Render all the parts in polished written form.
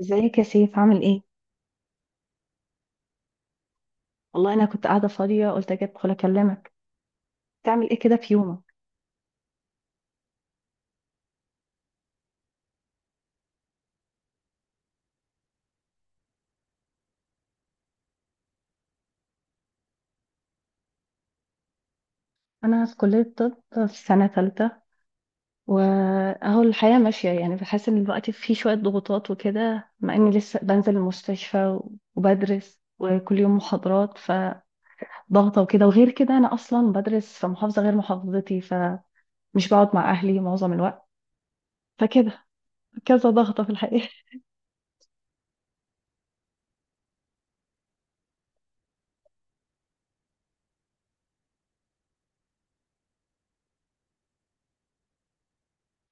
ازيك يا سيف، عامل ايه؟ والله انا كنت قاعده فاضيه، قلت اجي ادخل اكلمك. تعمل ايه كده في يومك؟ انا في كليه طب، في سنه ثالثه. واهو الحياه ماشيه، يعني بحس ان الوقت فيه شويه ضغوطات وكده، مع اني لسه بنزل المستشفى وبدرس وكل يوم محاضرات فضغطه وكده. وغير كده انا اصلا بدرس في محافظه غير محافظتي، فمش بقعد مع اهلي معظم الوقت. فكده كذا ضغطه في الحقيقه.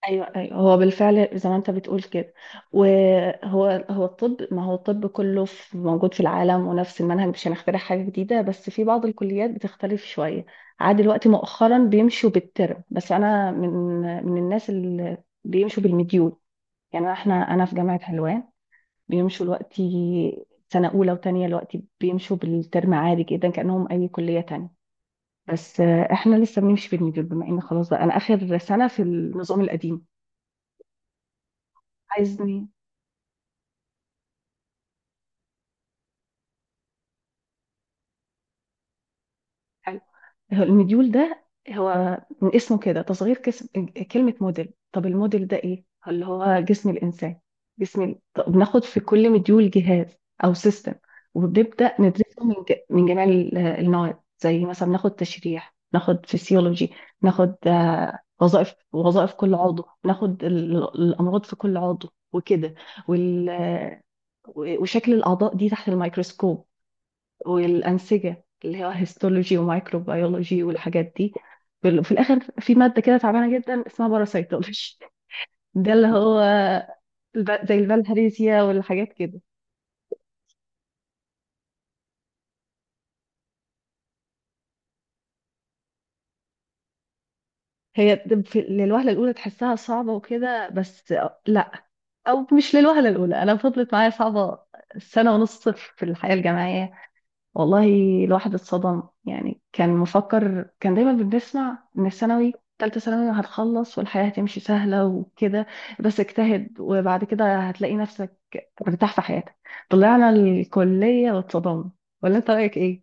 ايوه، ايوه، هو بالفعل زي ما انت بتقول كده. وهو الطب، ما هو الطب كله في موجود في العالم ونفس المنهج، مش هنخترع حاجه جديده. بس في بعض الكليات بتختلف شويه. عاد دلوقتي مؤخرا بيمشوا بالترم، بس انا من الناس اللي بيمشوا بالمديول. يعني احنا، انا في جامعه حلوان، بيمشوا دلوقتي سنه اولى وتانية دلوقتي بيمشوا بالترم عادي جدا كانهم اي كليه تانية. بس احنا لسه بنمشي بالمديول بما ان خلاص بقى انا اخر سنه في النظام القديم. عايزني. حلو. هو المديول ده، هو من اسمه كده تصغير كسم كلمة موديل. طب الموديل ده ايه؟ اللي هو جسم الإنسان، جسم طب بناخد في كل مديول جهاز أو سيستم، وبنبدأ ندرسه من جميع النواحي. زي مثلا ناخد تشريح، ناخد فسيولوجي، ناخد وظائف، وظائف كل عضو، ناخد الأمراض في كل عضو وكده. وال... آه، وشكل الأعضاء دي تحت الميكروسكوب، والأنسجة اللي هو هيستولوجي ومايكروبيولوجي والحاجات دي. في الآخر في مادة كده تعبانة جدا اسمها باراسيتولوجي. ده اللي هو زي الفالهاريزيا والحاجات كده. للوهلة الأولى تحسها صعبة وكده، بس لأ، أو مش للوهلة الأولى، أنا فضلت معايا صعبة سنة ونص في الحياة الجامعية. والله الواحد اتصدم يعني، كان مفكر، كان دايما بنسمع ان الثانوي، تالتة ثانوي هتخلص والحياة هتمشي سهلة وكده، بس اجتهد وبعد كده هتلاقي نفسك مرتاح في حياتك. طلعنا الكلية واتصدمنا. ولا انت رأيك ايه؟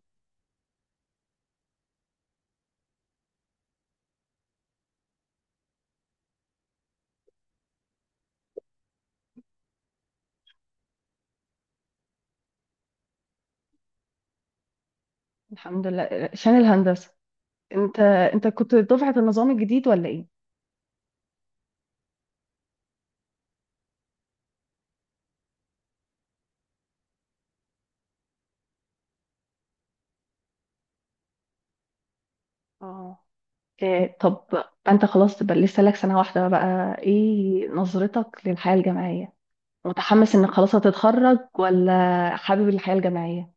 الحمد لله شان الهندسة. انت كنت دفعة النظام الجديد ولا ايه؟ اه، إيه طب، انت خلاص تبقى لسه لك سنة واحدة، بقى ايه نظرتك للحياة الجامعية؟ متحمس انك خلاص هتتخرج ولا حابب الحياة الجامعية؟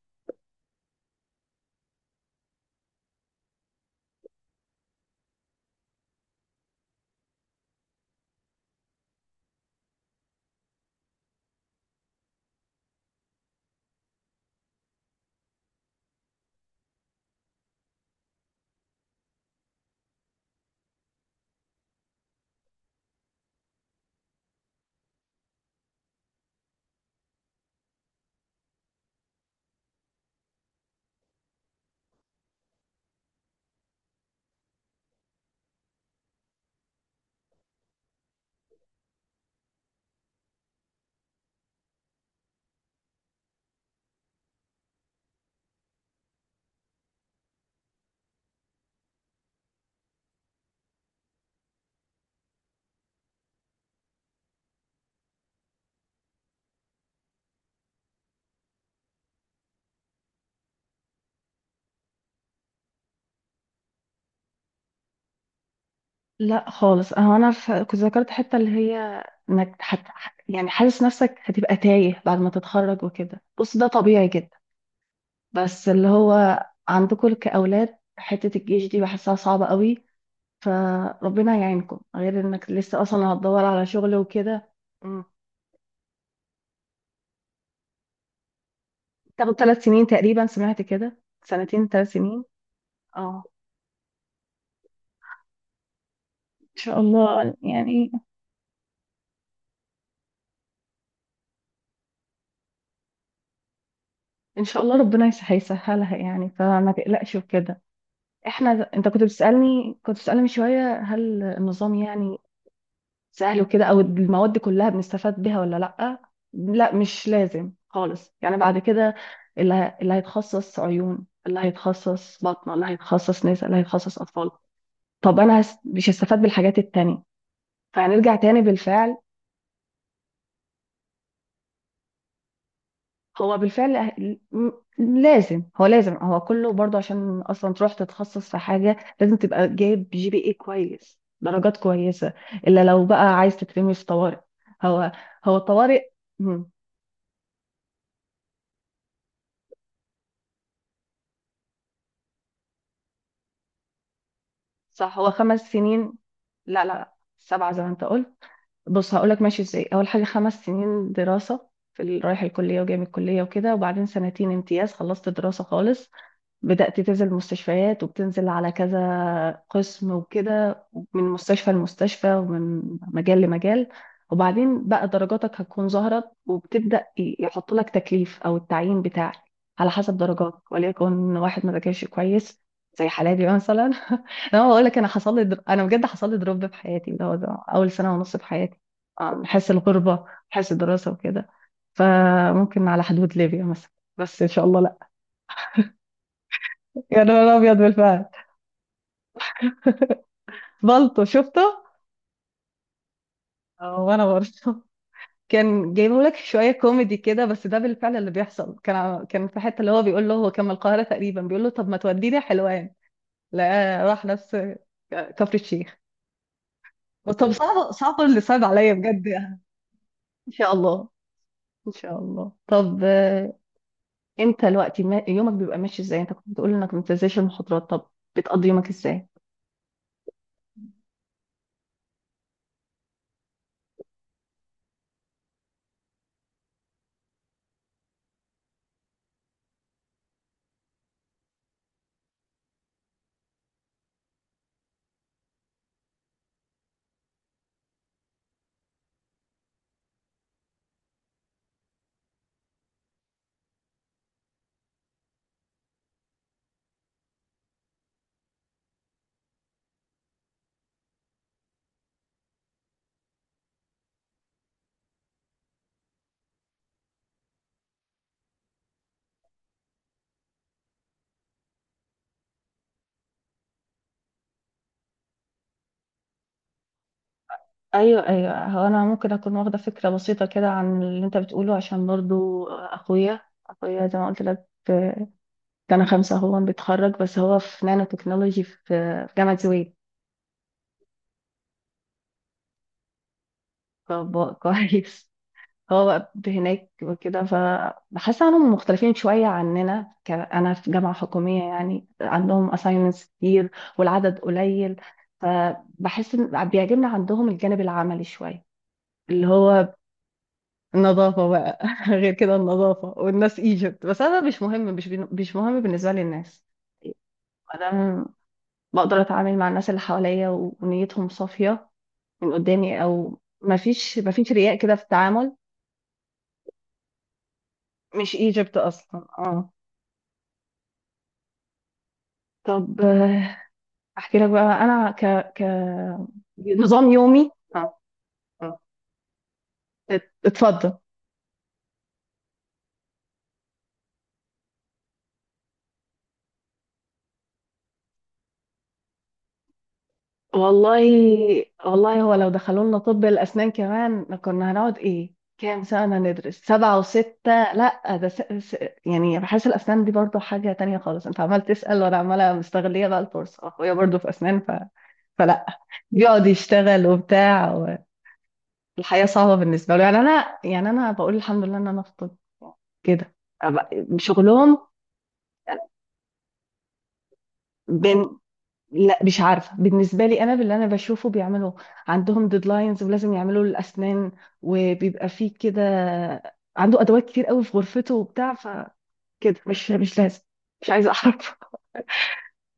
لا خالص، كنت ذكرت حتة اللي هي انك يعني حاسس نفسك هتبقى تايه بعد ما تتخرج وكده. بص ده طبيعي جدا. بس اللي هو عندكم كأولاد حتة الجيش دي بحسها صعبة قوي، فربنا يعينكم، غير انك لسه اصلا هتدور على شغل وكده. مم. تاخد 3 سنين تقريبا، سمعت كده، سنتين 3 سنين. اه. ان شاء الله يعني. ان شاء الله ربنا هيسهلها يعني، فما تقلقش وكده. احنا انت كنت بتسالني من شويه هل النظام يعني سهل وكده، او المواد دي كلها بنستفاد بيها ولا لا؟ لا مش لازم خالص يعني. بعد كده اللي هيتخصص عيون، اللي هيتخصص بطنه، اللي هيتخصص نساء، اللي هيتخصص اطفال، طب انا مش هستفاد بالحاجات التانية. فهنرجع تاني بالفعل. هو بالفعل لازم، هو لازم، هو كله برضه، عشان اصلا تروح تتخصص في حاجه لازم تبقى جايب جي بي اي كويس، درجات كويسه. الا لو بقى عايز تترمي في طوارئ. هو هو طوارئ. مم. صح هو 5 سنين. لا لا، سبعه زي ما انت قلت. بص هقولك ماشي ازاي. اول حاجه 5 سنين دراسه في رايح الكليه وجاي من الكليه وكده، وبعدين سنتين امتياز. خلصت دراسه خالص، بدأت تنزل مستشفيات، وبتنزل على كذا قسم وكده، من مستشفى لمستشفى ومن مجال لمجال. وبعدين بقى درجاتك هتكون ظهرت، وبتبدأ يحط لك تكليف أو التعيين بتاعك على حسب درجاتك. وليكن واحد ما ذاكرش كويس، زي حالاتي مثلا انا بقول لك انا انا بجد حصل لي دروب في حياتي، اللي هو ده اول سنه ونص في حياتي. حس الغربه، حس الدراسه وكده، فممكن على حدود ليبيا مثلا، بس ان شاء الله لا. يا نهار ابيض بالفعل. بلطو شفته. اه وانا برضه. كان جايبه لك شويه كوميدي كده، بس ده بالفعل اللي بيحصل. كان كان في حته اللي هو بيقول له، هو كان من القاهره تقريبا، بيقول له طب ما توديني حلوان. لا، راح نفس كفر الشيخ. طب صعب، صعب اللي صعب عليا بجد يعني. ان شاء الله. ان شاء الله طب انت دلوقتي يومك بيبقى ماشي ازاي، انت كنت بتقول انك ما بتنزلش المحاضرات. طب بتقضي يومك ازاي؟ ايوه، ايوه، هو انا ممكن اكون واخده فكره بسيطه كده عن اللي انت بتقوله، عشان برضو اخويا، اخويا زي ما قلت لك في سنه خمسه هو بيتخرج، بس هو في نانو تكنولوجي في في جامعه زويل. كويس. هو بقى هناك وكده، فبحس انهم مختلفين شويه عننا. انا في جامعه حكوميه، يعني عندهم assignments كتير والعدد قليل، فبحس ان بيعجبني عندهم الجانب العملي شويه. اللي هو النظافة بقى غير كده النظافة والناس ايجيبت، بس انا مش مهم، مش مهم بالنسبة لي الناس. انا بقدر اتعامل مع الناس اللي حواليا ونيتهم صافية من قدامي، او ما فيش رياء كده في التعامل. مش ايجيبت اصلا. اه. طب احكي لك بقى انا ك ك نظام يومي. اه، اه، اتفضل. والله، والله هو لو دخلوا لنا طب الأسنان كمان كنا هنقعد إيه كام سنة ندرس؟ سبعة وستة؟ لا ده يعني بحس الأسنان دي برضو حاجة تانية خالص. أنت عمال تسأل وأنا عمالة مستغلية بقى الفرصة، أخويا برضو في أسنان، فلا، بيقعد يشتغل وبتاع، والحياة صعبة بالنسبة له. يعني أنا، يعني أنا بقول الحمد لله إن أنا في طب كده. شغلهم. لا مش عارفة بالنسبة لي أنا، باللي أنا بشوفه بيعملوا. عندهم ديدلاينز ولازم يعملوا الأسنان، وبيبقى فيه كده عنده أدوات كتير قوي في غرفته وبتاع، فكده مش لازم، مش عايزة أعرف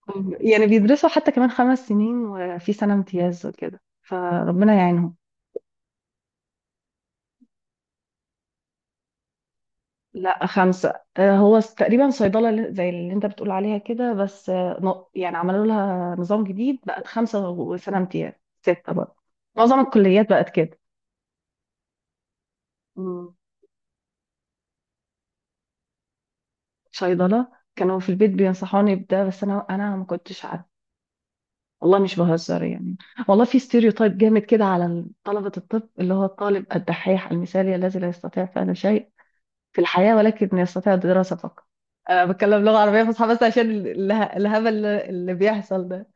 يعني بيدرسوا حتى كمان 5 سنين، وفي سنة امتياز وكده، فربنا يعينهم. لا خمسة، تقريبا صيدلة اللي، زي اللي أنت بتقول عليها كده، بس يعني عملوا لها نظام جديد، بقت خمسة وسنة امتياز، ستة برضه، معظم الكليات بقت كده. صيدلة، كانوا في البيت بينصحوني بده، بس انا ما كنتش عارفة. والله مش بهزر يعني. والله في ستيريوتايب جامد كده على طلبة الطب، اللي هو الطالب الدحيح المثالي، الذي لا يستطيع فعل شيء في الحياة، ولكن يستطيع الدراسة فقط. انا بتكلم لغة عربية فصحى بس عشان الهبل اللي بيحصل ده.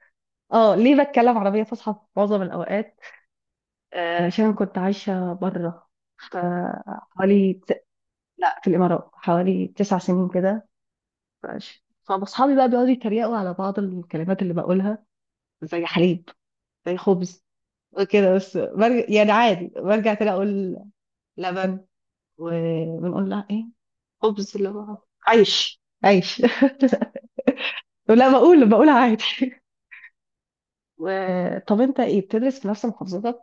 اه، ليه بتكلم عربية فصحى في معظم الاوقات؟ عشان كنت عايشة بره. ف- حوالي ت- لا، في الامارات حوالي 9 سنين كده. ماشي، فاصحابي بقى بيقعدوا يتريقوا على بعض الكلمات اللي بقولها، زي حليب، زي خبز وكده. بس برجع يعني عادي، برجع تاني اقول لبن. وبنقول لها ايه خبز؟ اللي هو عيش، عيش لا، بقول عادي طب انت ايه بتدرس في نفس محافظتك؟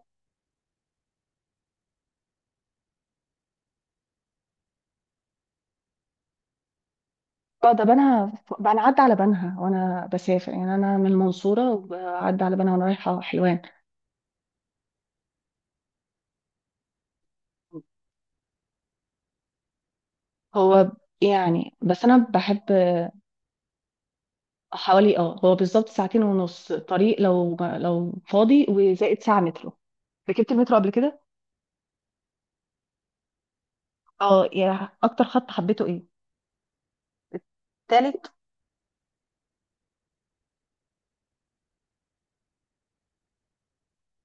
اه، ده بنها. انا عدى على بنها وانا بسافر، يعني انا من المنصوره وعدى على بنها وانا رايحه حلوان. هو يعني، بس انا بحب. حوالي، اه، هو بالظبط ساعتين ونص طريق، لو فاضي، وزائد ساعة مترو. ركبت المترو قبل كده. اه. يعني اكتر خط حبيته ايه؟ تالت.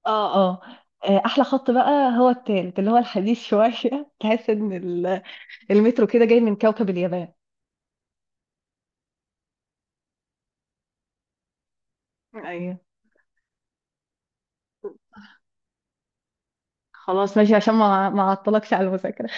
اه، اه، احلى خط بقى هو التالت، اللي هو الحديث شوية تحس ان المترو كده جاي من كوكب اليابان. ايوه، خلاص ماشي، عشان ما اعطلكش على المذاكرة.